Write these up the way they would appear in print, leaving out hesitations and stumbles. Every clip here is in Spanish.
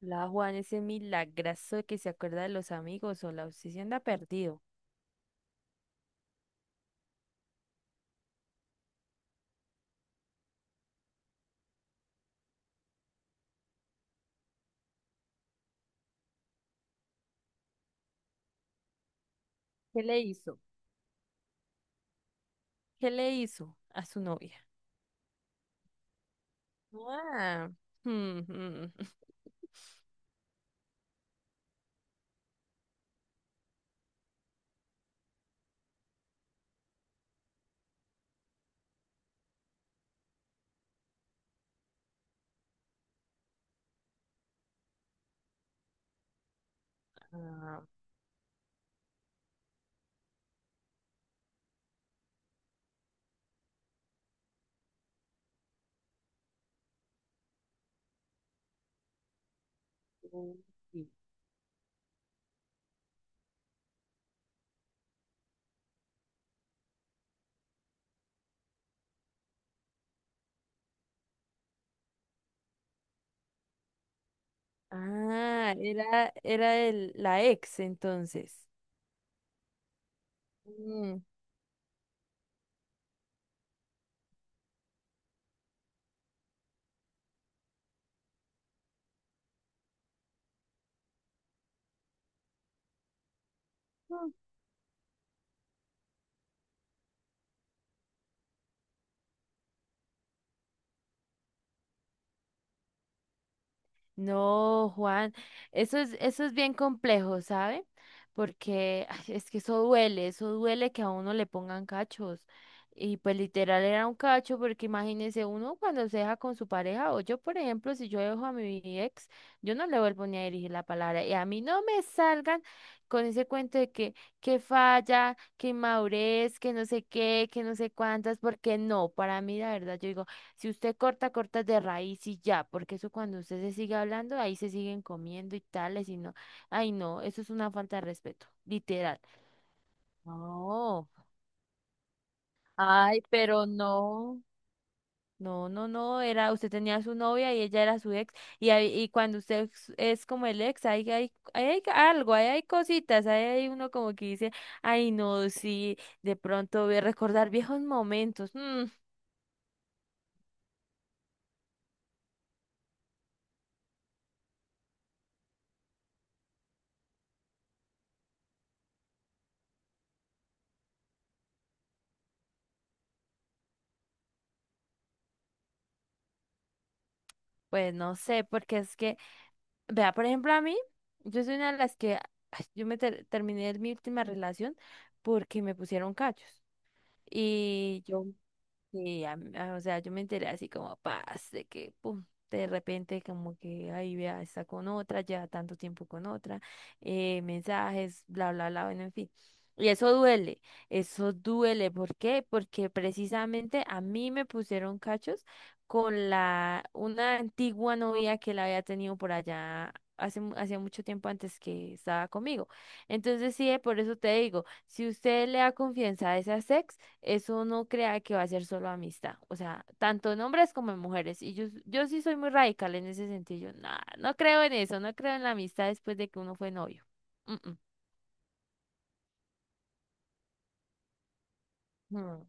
La Juan, ese milagrazo que se acuerda de los amigos o la obsesión de ha perdido. ¿Qué le hizo? ¿Qué le hizo a su novia? Ah, mm, mm. Ah, uy, sí. Ah, era la ex entonces. Mm. No, Juan, eso es bien complejo, ¿sabe? Porque ay, es que eso duele que a uno le pongan cachos. Y pues literal era un cacho, porque imagínese uno cuando se deja con su pareja, o yo, por ejemplo, si yo dejo a mi ex, yo no le vuelvo ni a dirigir la palabra. Y a mí no me salgan con ese cuento de que falla, que inmadurez, que no sé qué, que no sé cuántas, porque no, para mí la verdad, yo digo. Si usted corta, corta de raíz y ya, porque eso cuando usted se sigue hablando, ahí se siguen comiendo y tales y no. Ay, no, eso es una falta de respeto, literal. No, ay, pero no. No, no, no, usted tenía su novia y ella era su ex, y cuando usted es como el ex, ahí hay algo, ahí hay cositas, ahí hay uno como que dice, ay, no, sí, de pronto voy a recordar viejos momentos. Pues no sé, porque es que vea, por ejemplo, a mí, yo soy una de las que, ay, yo me terminé mi última relación porque me pusieron cachos. Y yo sí, o sea, yo me enteré así como paz, de que pum, de repente como que ahí vea, está con otra, lleva tanto tiempo con otra, mensajes, bla, bla, bla, bueno, en fin. Y eso duele, eso duele. ¿Por qué? Porque precisamente a mí me pusieron cachos con la una antigua novia que la había tenido por allá hacía mucho tiempo antes que estaba conmigo. Entonces, sí, por eso te digo, si usted le da confianza a esa ex, eso no crea que va a ser solo amistad, o sea, tanto en hombres como en mujeres. Y yo sí soy muy radical en ese sentido. Yo, nah, no creo en eso, no creo en la amistad después de que uno fue novio. Mm, mm. Mm.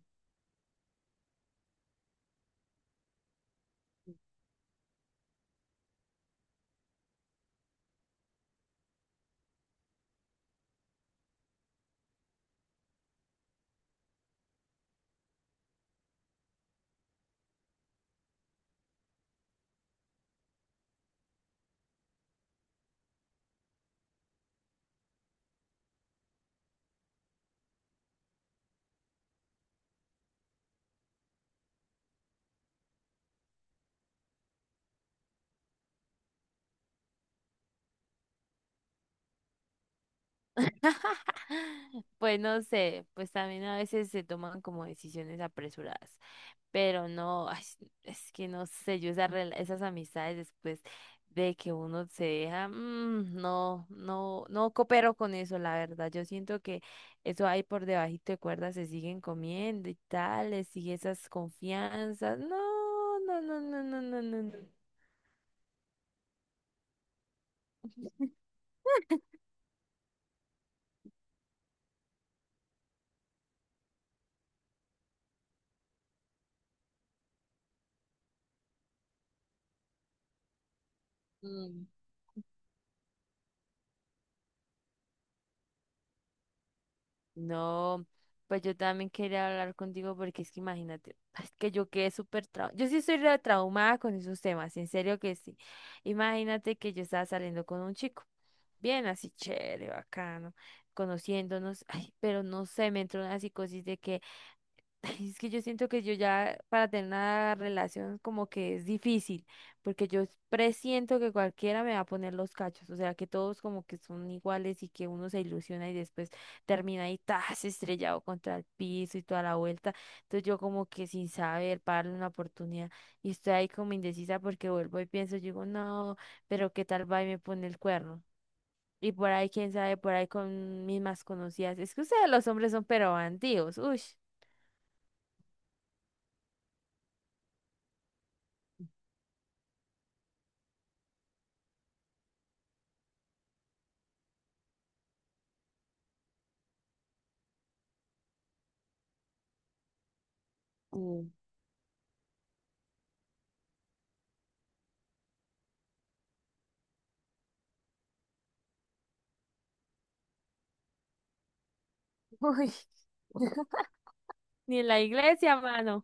Pues no sé, pues también a veces se toman como decisiones apresuradas. Pero no, ay, es que no sé, yo esas amistades después de que uno se deja, no, no, no coopero con eso, la verdad. Yo siento que eso ahí por debajito de cuerda se siguen comiendo y tal, les sigue esas confianzas. No, no, no, no, no, no, no, no. No. Pues yo también quería hablar contigo porque es que imagínate, es que yo quedé súper traumada. Yo sí estoy re traumada con esos temas, en serio que sí. Imagínate que yo estaba saliendo con un chico, bien así chévere, bacano, conociéndonos, ay, pero no sé, me entró una psicosis de que ay, es que yo siento que yo ya para tener una relación como que es difícil, porque yo presiento que cualquiera me va a poner los cachos, o sea, que todos como que son iguales y que uno se ilusiona y después termina ahí tas estrellado contra el piso y toda la vuelta. Entonces yo como que sin saber, para darle una oportunidad y estoy ahí como indecisa porque vuelvo y pienso, yo digo, no, pero qué tal va y me pone el cuerno. Y por ahí, quién sabe, por ahí con mis más conocidas. Es que ustedes los hombres son pero bandidos, uy. Uy, ni en la iglesia, mano.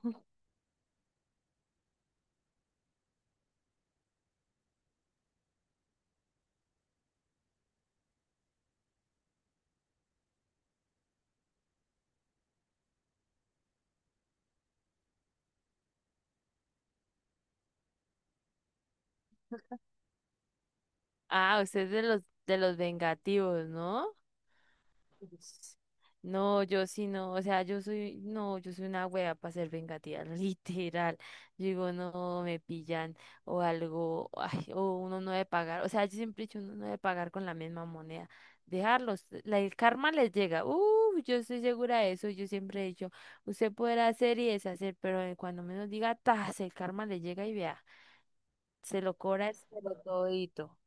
Ah, usted es de los, vengativos, ¿no? Ups. No, yo sí no, o sea, yo soy, no, yo soy una wea para ser vengativa, literal. Yo digo, no, me pillan o algo, ay, o uno no debe pagar, o sea, yo siempre he dicho, uno no debe pagar con la misma moneda, dejarlos, el karma les llega, yo estoy segura de eso, yo siempre he dicho, usted podrá hacer y deshacer, pero cuando menos diga, tas, el karma le llega y vea. Se lo cobras pero todito.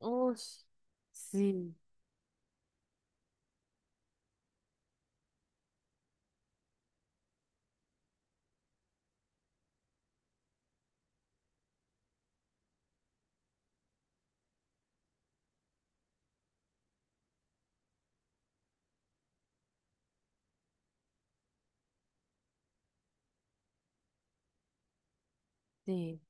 Uy, sí, sí.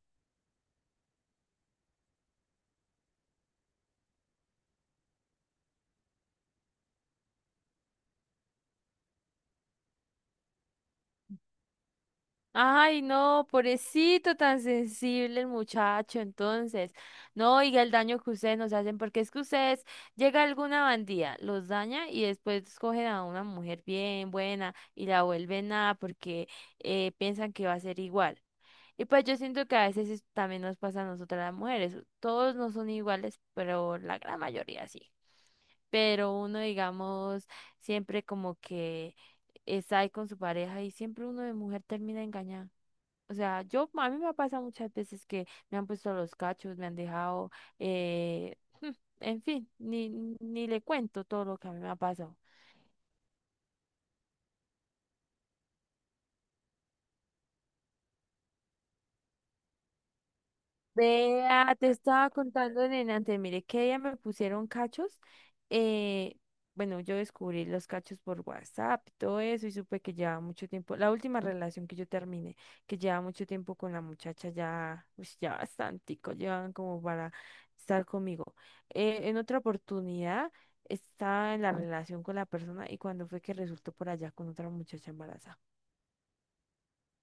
Ay, no, pobrecito, tan sensible el muchacho, entonces. No oiga el daño que ustedes nos hacen, porque es que ustedes llega alguna bandida, los daña y después cogen a una mujer bien buena y la vuelven nada porque piensan que va a ser igual. Y pues yo siento que a veces también nos pasa a nosotras las mujeres. Todos no son iguales, pero la gran mayoría sí. Pero uno, digamos, siempre como que está ahí con su pareja y siempre uno de mujer termina engañada. O sea, yo, a mí me ha pasado muchas veces que me han puesto los cachos, me han dejado, eh, en fin, ni le cuento todo lo que a mí me ha pasado. Vea, te estaba contando, nena, antes, mire que ella me pusieron cachos. eh, bueno, yo descubrí los cachos por WhatsApp, y todo eso, y supe que llevaba mucho tiempo. La última relación que yo terminé, que llevaba mucho tiempo con la muchacha, ya, pues ya bastantico, llevaban como para estar conmigo. En otra oportunidad estaba en la relación con la persona y cuando fue que resultó por allá con otra muchacha embarazada.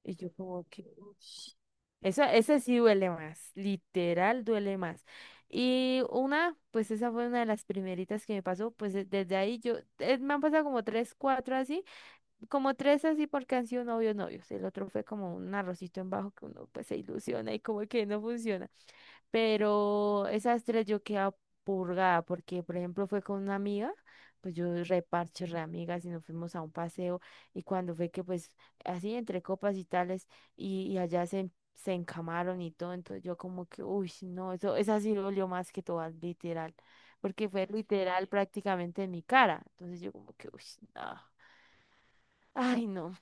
Y yo como que, "Ush". Eso, ese sí duele más, literal duele más. Y una, pues esa fue una de las primeritas que me pasó, pues desde ahí yo, me han pasado como tres, cuatro así, como tres así porque han sido novios, novios. El otro fue como un arrocito en bajo que uno pues se ilusiona y como que no funciona. Pero esas tres yo quedaba purgada porque, por ejemplo, fue con una amiga, pues yo reparche re amigas y nos fuimos a un paseo y cuando fue que pues así entre copas y tales y allá se encamaron y todo, entonces yo como que, uy, no, eso, esa sí dolió más que todas, literal, porque fue literal prácticamente en mi cara, entonces yo como que, uy, no, ay, no.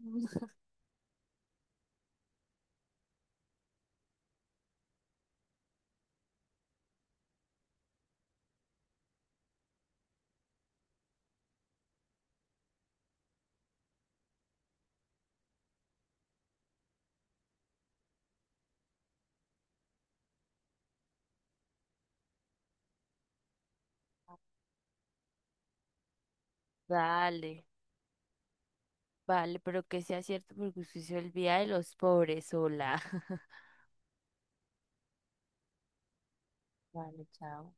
Dale, vale, pero que sea cierto porque usted se olvida de los pobres, hola. Vale, chao.